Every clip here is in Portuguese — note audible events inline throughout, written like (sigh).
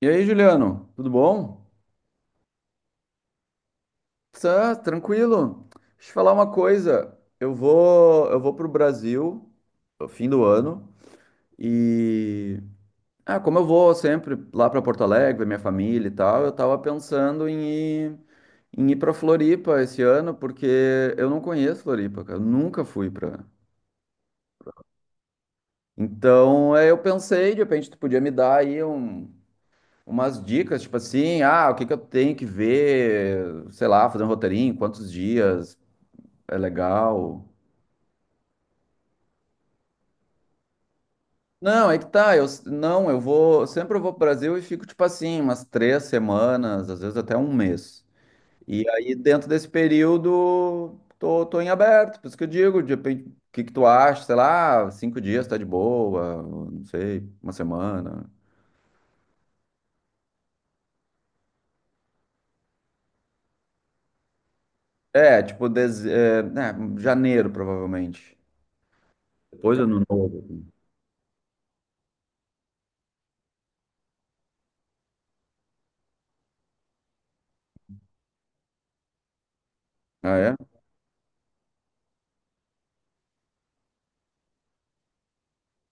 E aí, Juliano, tudo bom? Tá, tranquilo. Deixa eu te falar uma coisa. Eu vou pro Brasil no fim do ano e como eu vou sempre lá para Porto Alegre, ver minha família e tal, eu tava pensando ir, em ir para Floripa esse ano porque eu não conheço Floripa, cara. Eu nunca fui pra. Então, é, eu pensei, de repente tu podia me dar aí umas dicas, tipo assim, ah, o que que eu tenho que ver, sei lá, fazer um roteirinho, quantos dias. É legal. Não, é que tá. Eu, não, eu vou. Sempre eu vou pro Brasil e fico, tipo assim, umas 3 semanas, às vezes até um mês. E aí, dentro desse período, tô em aberto. Por isso que eu digo, de repente, o que que tu acha? Sei lá, 5 dias tá de boa, não sei, uma semana. É, tipo, é, né, janeiro, provavelmente. Depois do ano novo, assim. Ah, é?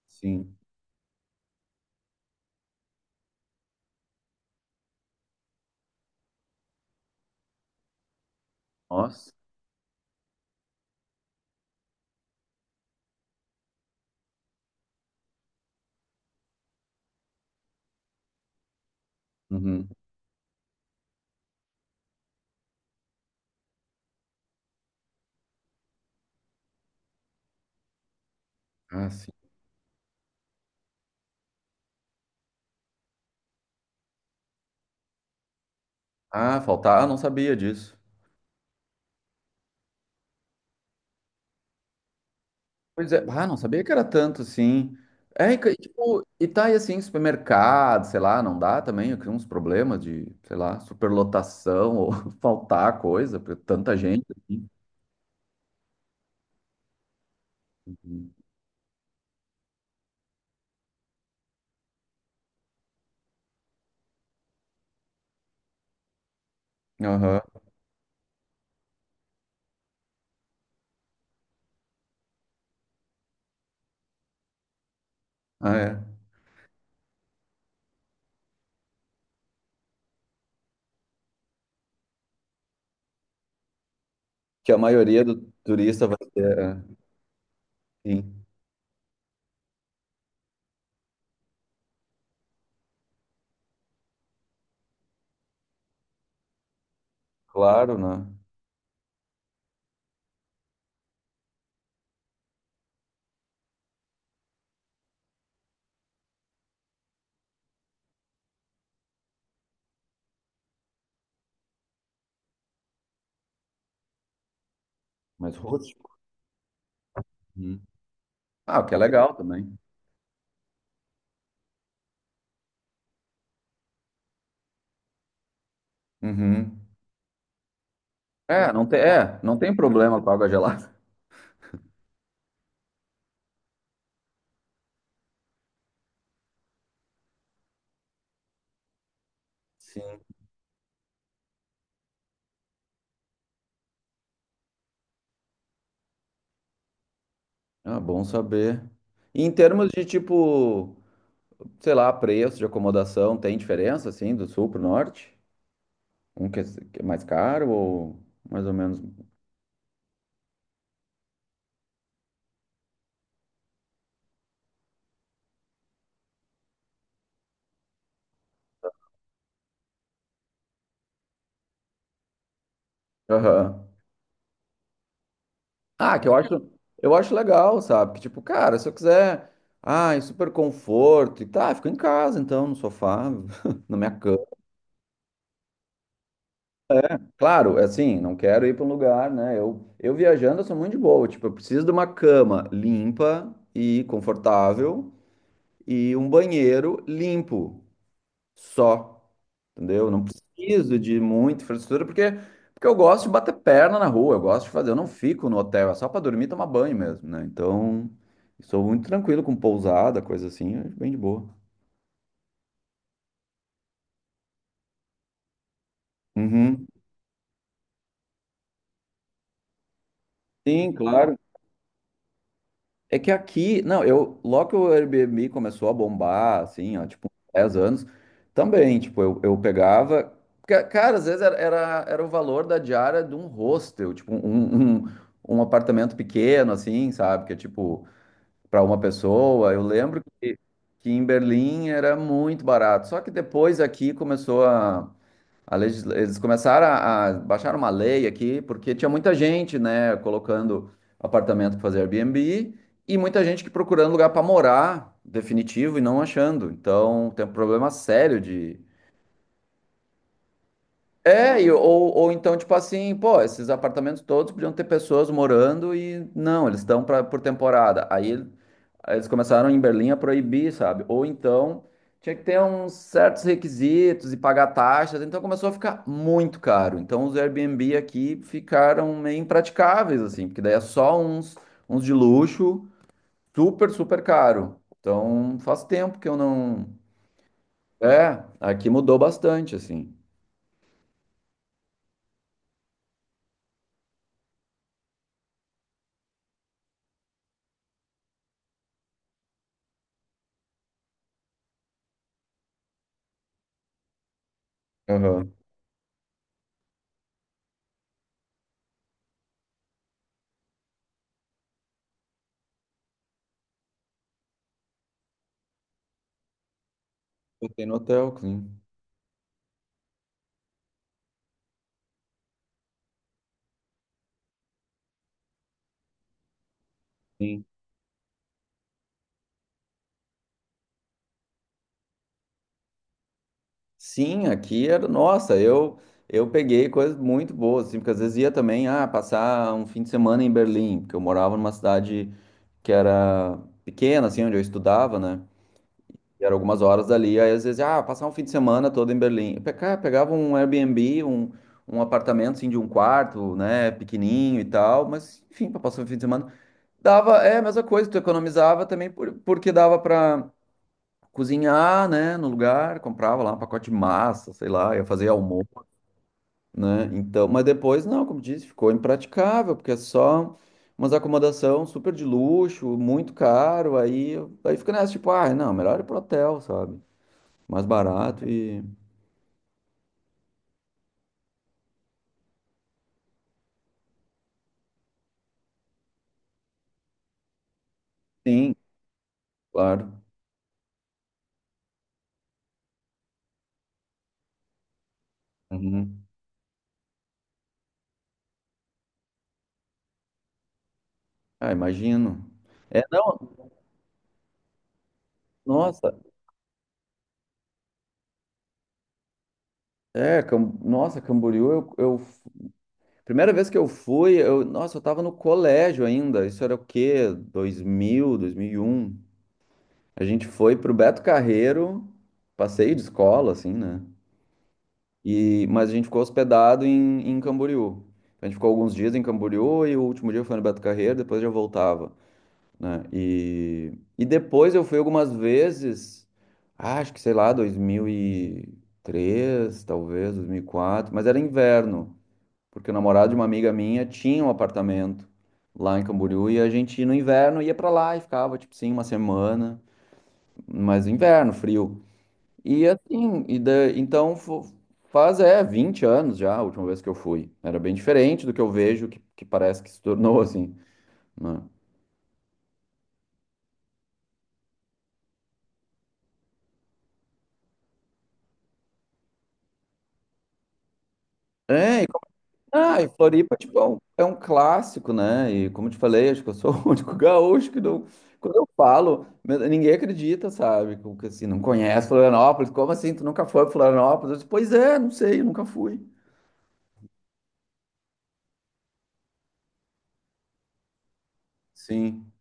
Sim. Nossa. Uhum. Ah, sim. Ah, faltar. Ah, não sabia disso. Pois é, ah, não sabia que era tanto, assim. É, e, tipo, e tá aí assim, supermercado, sei lá, não dá também, eu crio uns problemas de, sei lá, superlotação ou (laughs) faltar coisa, porque tanta gente, assim. Aham, ah, é. Que a maioria do turista vai ter, é, sim, claro, né? Mas rústico. Uhum. Ah, o que é legal também. Uhum. É, não tem problema com água gelada. Sim. Ah, bom saber. E em termos de tipo. Sei lá, preço de acomodação tem diferença, assim, do sul pro norte? Um que é mais caro ou mais ou menos. Aham. Ah, que eu acho legal, sabe? Que tipo, cara, se eu quiser, ai, super conforto e tá, fico em casa então, no sofá, (laughs) na minha cama. Claro, é assim, não quero ir para um lugar, né? Eu viajando, eu sou muito de boa. Tipo, eu preciso de uma cama limpa e confortável e um banheiro limpo. Só. Entendeu? Não preciso de muita infraestrutura, porque eu gosto de bater perna na rua, eu gosto de fazer, eu não fico no hotel, é só para dormir e tomar banho mesmo, né? Então, sou muito tranquilo com pousada, coisa assim, é bem de boa. Uhum. Sim, claro. É que aqui, não, eu, logo que o Airbnb começou a bombar, assim, ó, tipo, 10 anos, também, tipo, eu pegava, cara, às vezes era o valor da diária de um hostel, tipo, um apartamento pequeno, assim, sabe, que é tipo, para uma pessoa. Eu lembro que em Berlim era muito barato. Só que depois aqui começou a legisla... eles começaram a baixar uma lei aqui, porque tinha muita gente, né, colocando apartamento para fazer Airbnb e muita gente que procurando lugar para morar definitivo e não achando. Então, tem um problema sério de. É, ou então, tipo assim, pô, esses apartamentos todos podiam ter pessoas morando e não, eles estão pra, por temporada. Aí eles começaram em Berlim a proibir, sabe? Ou então tinha que ter uns certos requisitos e pagar taxas, então começou a ficar muito caro. Então os Airbnb aqui ficaram meio impraticáveis, assim, porque daí é só uns de luxo, super, super caro. Então faz tempo que eu não. É, aqui mudou bastante, assim. Aham. Botei no hotel, sim. Sim, sim, aqui era, nossa, eu peguei coisas muito boas, assim, porque às vezes ia também, ah, passar um fim de semana em Berlim, porque eu morava numa cidade que era pequena, assim, onde eu estudava, né? E era algumas horas dali, aí às vezes, ah, passar um fim de semana todo em Berlim. Eu pegava um Airbnb, um apartamento, assim, de um quarto, né, pequenininho e tal, mas, enfim, para passar um fim de semana. Dava, é a mesma coisa, tu economizava também, porque dava para cozinhar, né, no lugar, comprava lá um pacote de massa, sei lá, ia fazer almoço, né? Então, mas depois não, como disse, ficou impraticável, porque é só umas acomodação super de luxo, muito caro, aí fica nessa tipo, ah, não, melhor ir pro hotel, sabe? Mais barato e sim, claro. Uhum. Ah, imagino. É, não, nossa, é, nossa, Camboriú, eu Primeira vez que eu fui, eu, nossa, eu tava no colégio ainda. Isso era o quê? 2000, 2001. A gente foi pro Beto Carreiro, passeio de escola, assim, né? E, mas a gente ficou hospedado em Camboriú. A gente ficou alguns dias em Camboriú e o último dia foi no Beto Carreiro, depois já voltava, né? E depois eu fui algumas vezes, acho que sei lá, 2003, talvez, 2004. Mas era inverno, porque o namorado de uma amiga minha tinha um apartamento lá em Camboriú e a gente no inverno ia pra lá e ficava, tipo, sim, uma semana, mas inverno, frio. E assim, e então faz é 20 anos já a última vez que eu fui. Era bem diferente do que eu vejo que parece que se tornou assim, né? É, e, e Floripa, tipo, é um, clássico, né? E como eu te falei, acho que eu sou (laughs) o único gaúcho que não. Quando eu falo, ninguém acredita, sabe? Como que assim, não conhece Florianópolis? Como assim? Tu nunca foi pra Florianópolis? Eu disse, pois é, não sei, eu nunca fui. Sim.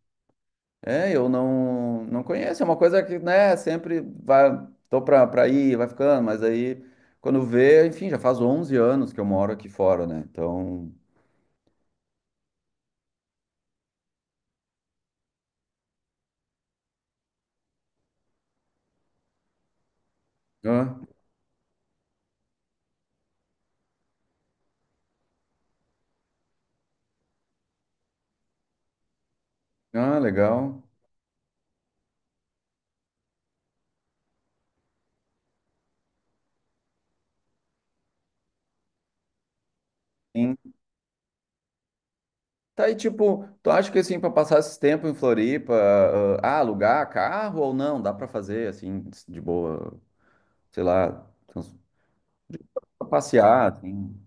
É, eu não, não conheço. É uma coisa que, né, sempre vai, tô pra ir, vai ficando, mas aí quando vê, enfim, já faz 11 anos que eu moro aqui fora, né? Então, ah, legal. Sim. Tá aí, tipo, tu acha que assim, pra passar esse tempo em Floripa, alugar carro ou não? Dá pra fazer, assim, de boa, sei lá, trans- pra passear, assim.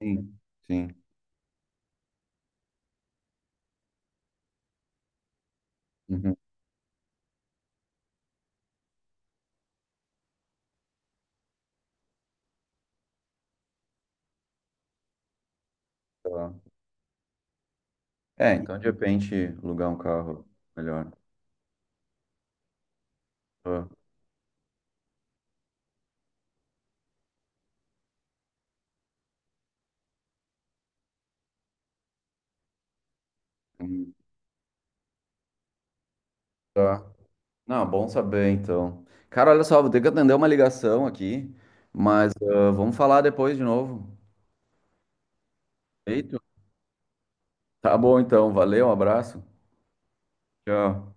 Sim, sim. Uhum, tá. É, então de repente alugar um carro melhor. Tá. Uhum. Não, bom saber então. Cara, olha só, vou ter que atender uma ligação aqui, mas vamos falar depois de novo. Feito? Tá bom então, valeu, um abraço. Tchau.